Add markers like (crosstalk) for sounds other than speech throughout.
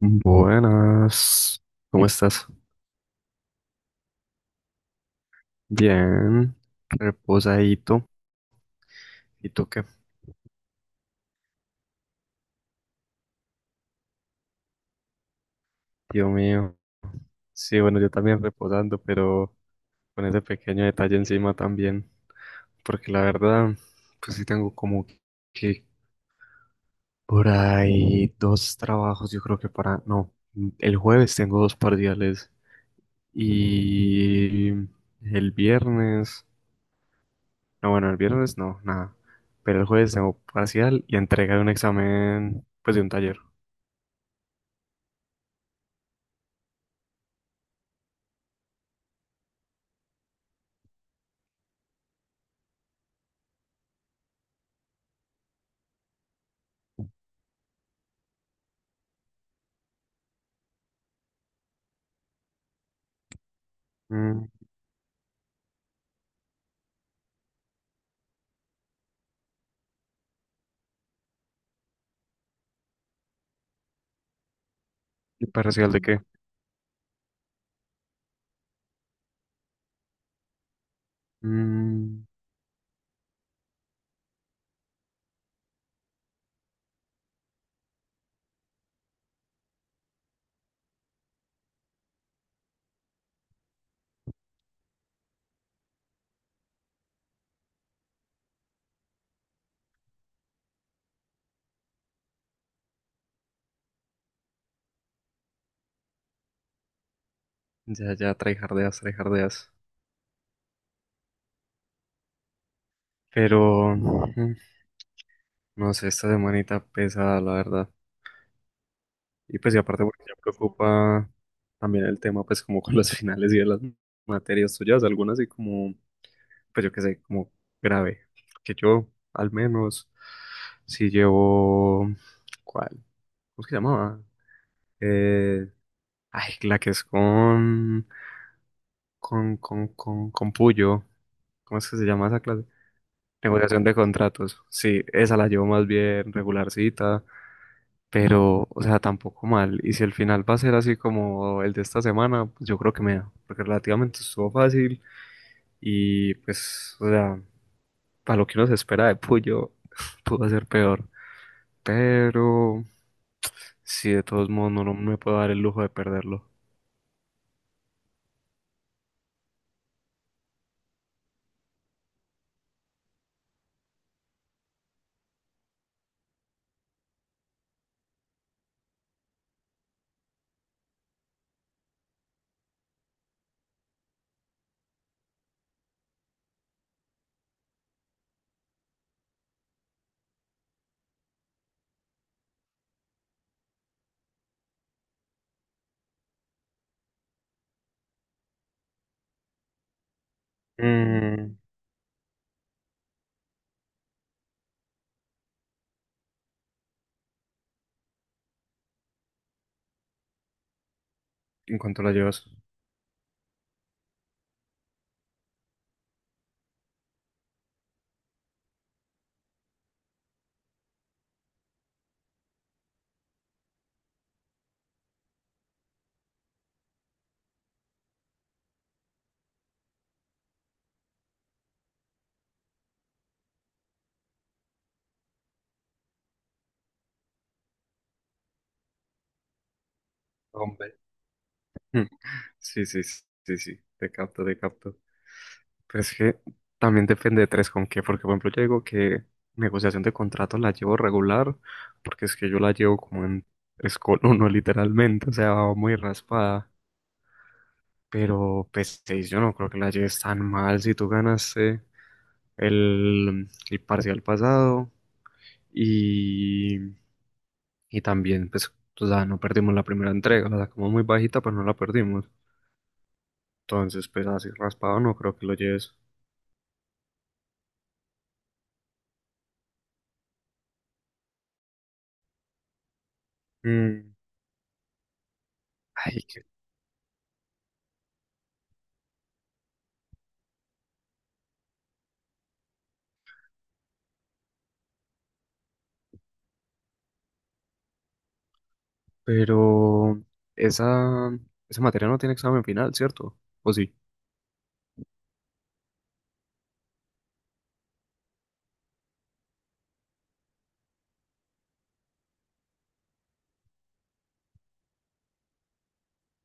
Buenas, ¿cómo estás? Bien, reposadito. ¿Y tú qué? Dios mío. Sí, bueno, yo también reposando, pero con ese pequeño detalle encima también, porque la verdad, pues sí tengo como que por ahí dos trabajos, yo creo que para, no, el jueves tengo dos parciales y el viernes. No, bueno, el viernes no, nada. Pero el jueves tengo parcial y entrega de un examen, pues de un taller. Mm, ¿y parcial de qué? Mm, ya, ya, tryhardeas, tryhardeas. Pero, no sé, esta semanita pesa, la verdad. Y pues, y aparte, porque me preocupa también el tema, pues, como con los (laughs) finales y de las materias tuyas, algunas y como, pues yo qué sé, como grave. Que yo, al menos, si llevo, ¿cuál? ¿Cómo es que se llamaba? Eh, Ay, la que es con, con Puyo. ¿Cómo es que se llama esa clase? Negociación de contratos. Sí, esa la llevo más bien regularcita, pero, o sea, tampoco mal. Y si el final va a ser así como el de esta semana, pues yo creo que me da, porque relativamente estuvo fácil y pues, o sea, para lo que uno se espera de Puyo, (laughs) pudo ser peor. Pero, sí, de todos modos, no, no me puedo dar el lujo de perderlo. Mm, ¿en cuanto la llevas? Hombre. Sí, sí, sí, sí, sí, te capto, te capto. Pero es que también depende de tres con qué, porque por ejemplo yo digo que negociación de contrato la llevo regular, porque es que yo la llevo como en escol (laughs) uno literalmente, o sea, va muy raspada. Pero P6 yo no creo que la lleves tan mal si tú ganaste el parcial pasado y, y también pues, o sea, no perdimos la primera entrega, la sacamos muy bajita, pero no la perdimos. Entonces, pues así raspado no creo que lo lleves. Mm. Ay, qué- pero esa, esa materia no tiene examen final, ¿cierto? O sí.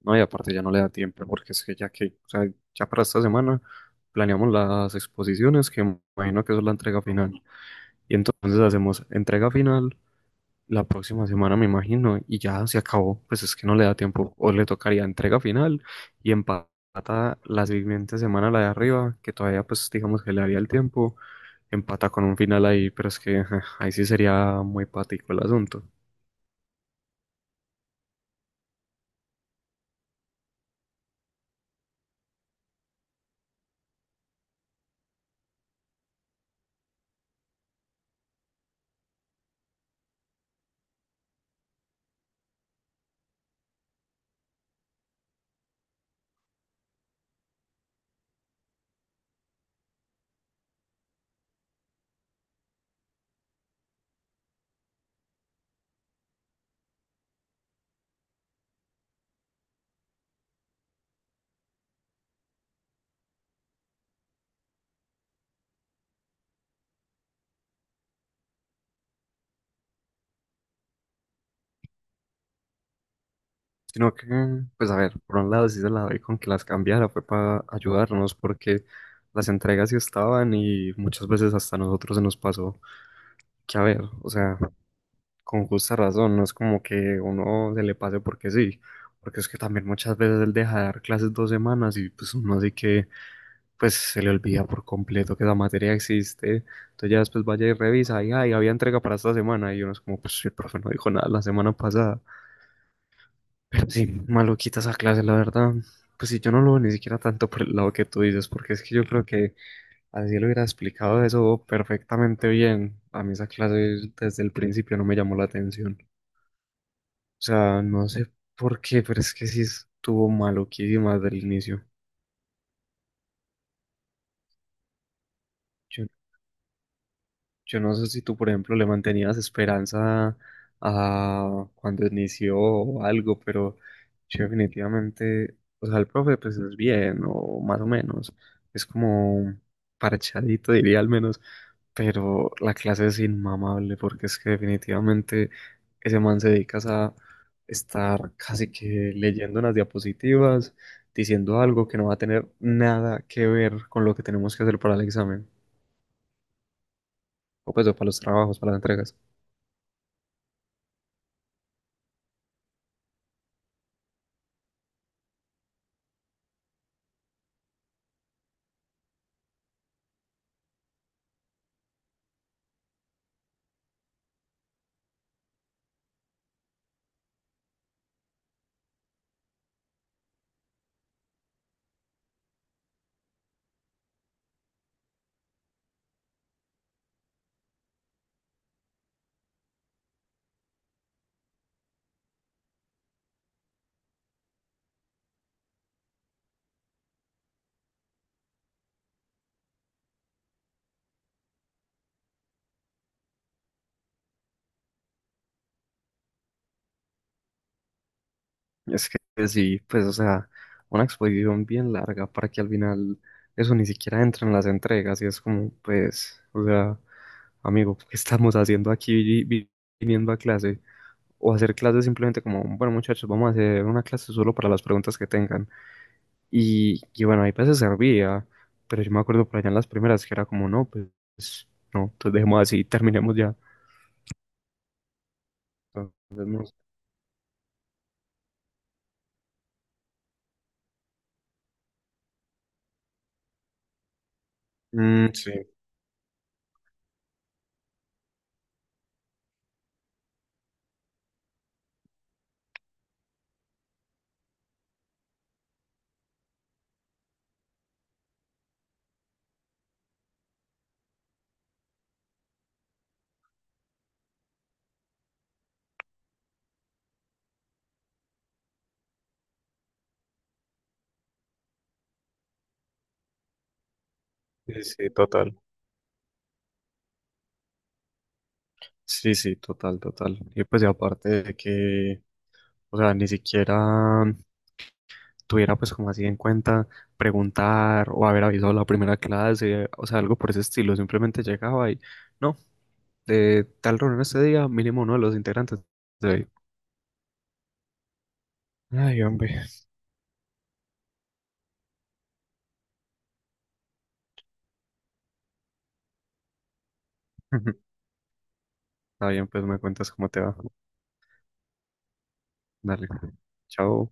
No, y aparte ya no le da tiempo, porque es que ya que, o sea, ya para esta semana planeamos las exposiciones, que me imagino que eso es la entrega final. Y entonces hacemos entrega final la próxima semana, me imagino, y ya se acabó. Pues es que no le da tiempo. O le tocaría entrega final y empata la siguiente semana la de arriba, que todavía, pues digamos que le daría el tiempo. Empata con un final ahí, pero es que ajá, ahí sí sería muy patico el asunto. Sino que, pues a ver, por un lado sí se la doy con que las cambiara, fue para ayudarnos, porque las entregas sí estaban y muchas veces hasta a nosotros se nos pasó que, a ver, o sea, con justa razón, no es como que uno se le pase porque sí, porque es que también muchas veces él deja de dar clases dos semanas y pues uno así que pues se le olvida por completo que esa materia existe. Entonces ya después vaya y revisa, y ay, había entrega para esta semana. Y uno es como, pues si el profe no dijo nada la semana pasada. Pero sí, maluquita esa clase, la verdad. Pues sí, yo no lo veo ni siquiera tanto por el lado que tú dices, porque es que yo creo que así lo hubiera explicado eso perfectamente bien. A mí esa clase desde el principio no me llamó la atención. O sea, no sé por qué, pero es que sí estuvo maluquísima desde el inicio. Yo Yo no sé si tú, por ejemplo, le mantenías esperanza a cuando inició o algo, pero yo definitivamente, o sea, el profe pues es bien, o más o menos, es como parchadito, diría al menos, pero la clase es inmamable porque es que definitivamente ese man se dedica a estar casi que leyendo unas diapositivas, diciendo algo que no va a tener nada que ver con lo que tenemos que hacer para el examen, o pues o para los trabajos, para las entregas. Es que sí, pues, o sea, una exposición bien larga para que al final eso ni siquiera entre en las entregas y es como, pues, o sea, amigo, ¿qué estamos haciendo aquí viniendo a clase? O hacer clases simplemente como, bueno, muchachos, vamos a hacer una clase solo para las preguntas que tengan. Y bueno, ahí veces servía, pero yo me acuerdo por allá en las primeras que era como, no, pues, no, entonces dejemos así, terminemos ya. Entonces, no sé. Mm, sí, sí, sí, total. Sí, sí, total, total. Y pues y aparte de que, o sea, ni siquiera tuviera pues como así en cuenta preguntar o haber avisado la primera clase, o sea, algo por ese estilo, simplemente llegaba y, no, de tal reunión este día, mínimo uno de los integrantes. De ahí". Ay, hombre. (laughs) Está bien, pues me cuentas cómo te va. Dale. Chao.